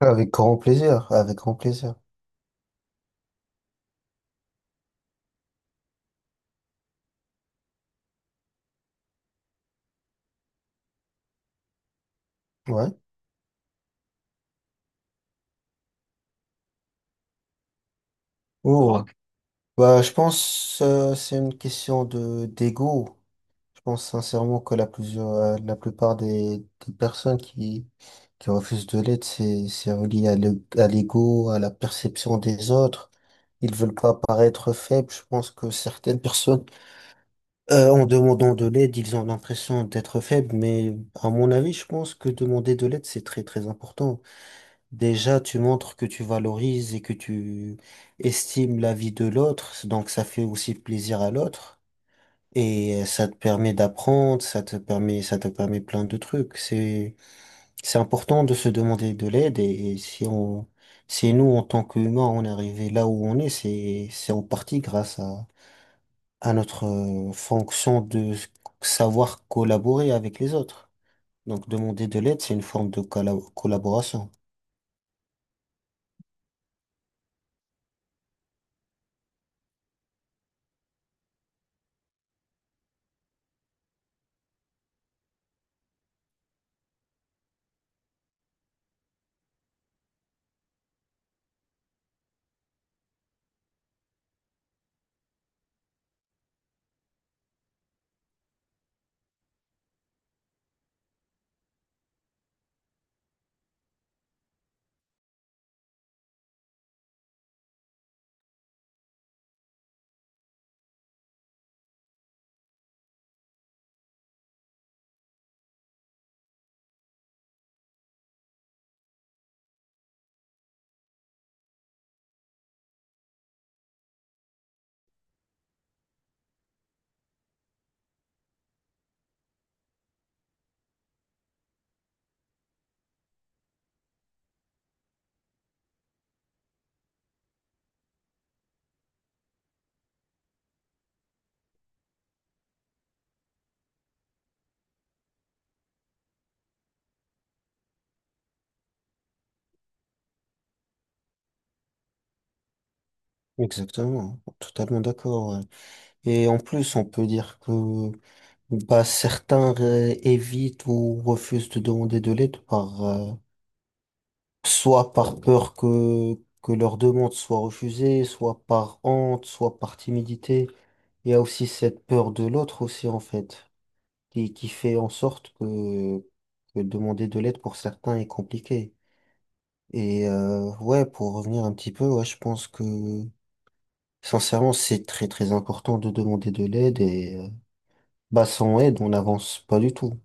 Avec grand plaisir, avec grand plaisir. Ouais. Oh. Ok. Je pense c'est une question de d'ego. Je pense sincèrement que la plupart des personnes qui refusent de l'aide, c'est relié à à l'ego, à la perception des autres. Ils veulent pas paraître faibles. Je pense que certaines personnes, en demandant de l'aide, ils ont l'impression d'être faibles. Mais à mon avis, je pense que demander de l'aide, c'est très très important. Déjà, tu montres que tu valorises et que tu estimes la vie de l'autre, donc ça fait aussi plaisir à l'autre et ça te permet d'apprendre, ça te permet plein de trucs. C'est important de se demander de l'aide et si nous en tant qu'humains on est arrivé là où on est, c'est en partie grâce à notre fonction de savoir collaborer avec les autres. Donc demander de l'aide, c'est une forme de collaboration. Exactement, totalement d'accord, ouais. Et en plus, on peut dire que certains évitent ou refusent de demander de l'aide par soit par peur que leur demande soit refusée, soit par honte, soit par timidité. Il y a aussi cette peur de l'autre aussi en fait, qui fait en sorte que demander de l'aide pour certains est compliqué. Et ouais, pour revenir un petit peu, ouais, je pense que sincèrement, c'est très très important de demander de l'aide et bah, sans aide, on n'avance pas du tout.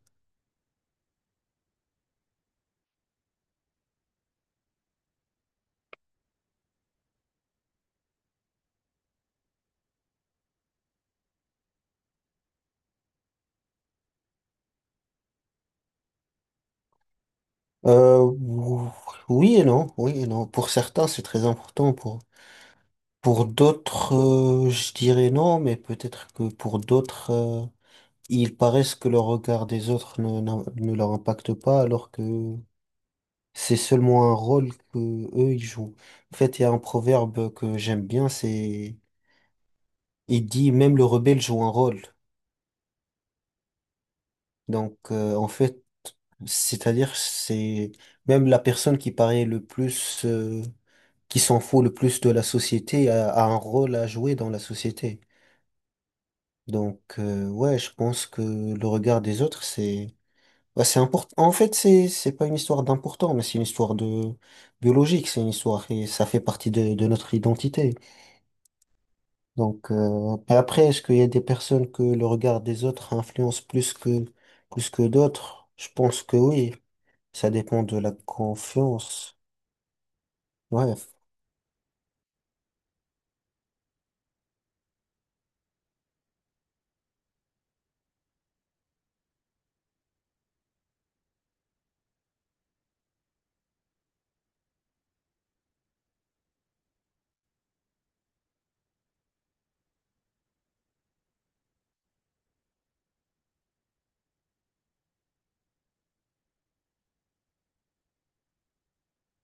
Euh, ou- oui et non, oui et non. Pour certains, c'est très important. Pour d'autres, je dirais non, mais peut-être que pour d'autres, ils paraissent que le regard des autres ne leur impacte pas, alors que c'est seulement un rôle que eux, ils jouent. En fait, il y a un proverbe que j'aime bien, c'est, il dit, même le rebelle joue un rôle. Donc, en fait, c'est-à-dire, c'est même la personne qui paraît le plus, qui s'en fout le plus de la société a un rôle à jouer dans la société. Donc, ouais, je pense que le regard des autres, c'est ouais, c'est important. En fait, c'est pas une histoire d'important, mais c'est une histoire de biologique, c'est une histoire et ça fait partie de notre identité. Donc, et après, est-ce qu'il y a des personnes que le regard des autres influence plus que d'autres? Je pense que oui. Ça dépend de la confiance. Ouais,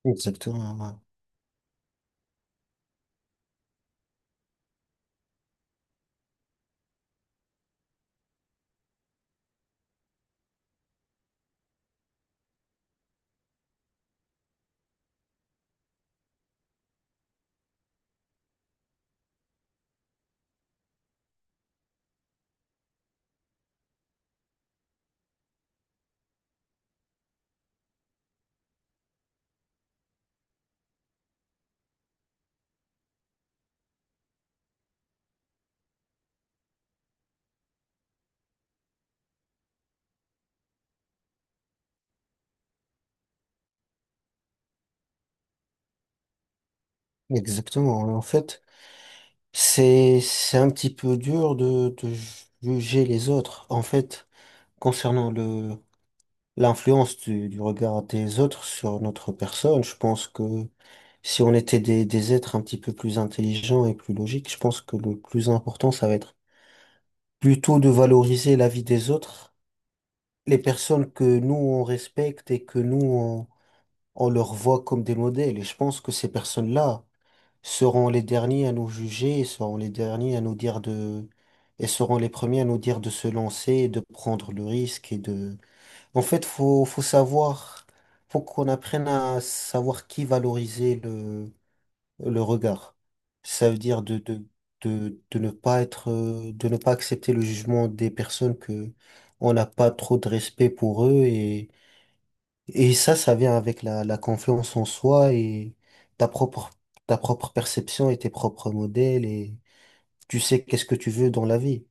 exactement, ouais. Exactement, en fait. C'est un petit peu dur de juger les autres. En fait, concernant l'influence du regard des autres sur notre personne, je pense que si on était des êtres un petit peu plus intelligents et plus logiques, je pense que le plus important, ça va être plutôt de valoriser la vie des autres, les personnes que nous, on respecte et que nous, on leur voit comme des modèles. Et je pense que ces personnes-là seront les derniers à nous juger, et seront les premiers à nous dire de se lancer, et de prendre le risque en fait, faut savoir, faut qu'on apprenne à savoir qui valoriser le regard. Ça veut dire de ne pas être, de ne pas accepter le jugement des personnes que on n'a pas trop de respect pour eux et ça vient avec la confiance en soi et ta propre, ta propre perception et tes propres modèles et tu sais qu'est-ce que tu veux dans la vie.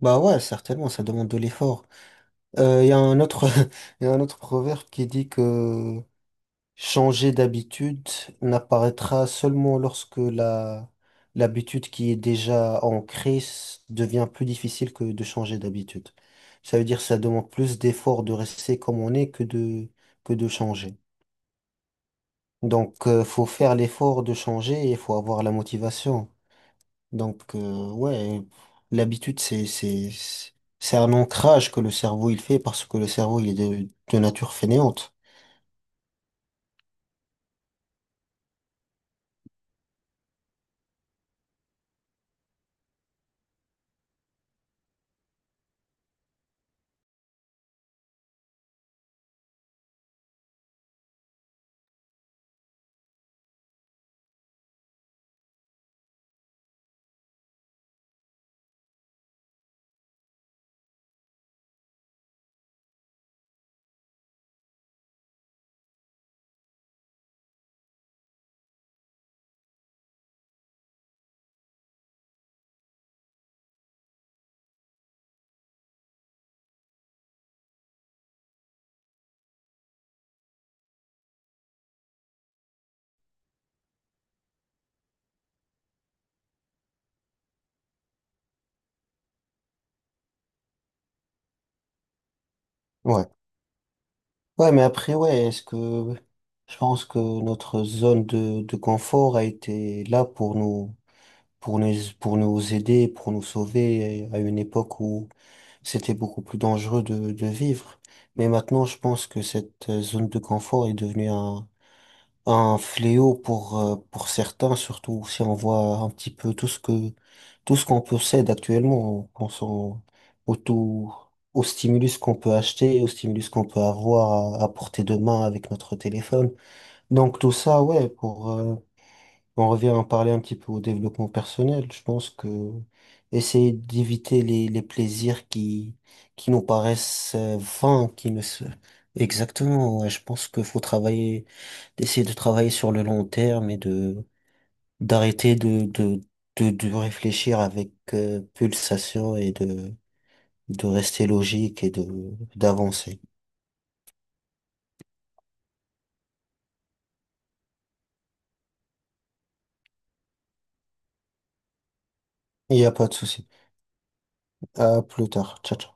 Bah ouais, certainement, ça demande de l'effort. Il y a un autre, il y a un autre proverbe qui dit que changer d'habitude n'apparaîtra seulement lorsque l'habitude qui est déjà ancrée devient plus difficile que de changer d'habitude. Ça veut dire que ça demande plus d'effort de rester comme on est que de changer. Donc, faut faire l'effort de changer et il faut avoir la motivation. Donc, ouais, l'habitude, c'est un ancrage que le cerveau, il fait parce que le cerveau, il est de nature fainéante. Ouais. Ouais, mais après, je pense que notre zone de confort a été là pour nous, pour nous aider, pour nous sauver à une époque où c'était beaucoup plus dangereux de vivre. Mais maintenant, je pense que cette zone de confort est devenue un fléau pour certains, surtout si on voit un petit peu tout ce qu'on possède actuellement, qu'on s'en, au tout, au stimulus qu'on peut acheter, au stimulus qu'on peut avoir à portée de main avec notre téléphone. Donc tout ça, ouais, pour, on revient à en parler un petit peu au développement personnel. Je pense que essayer d'éviter les plaisirs qui nous paraissent vains, qui ne se, exactement, ouais, je pense qu'il faut travailler d'essayer de travailler sur le long terme et de d'arrêter de réfléchir avec pulsation et de rester logique et de d'avancer. Il n'y a pas de souci. À plus tard. Ciao, ciao.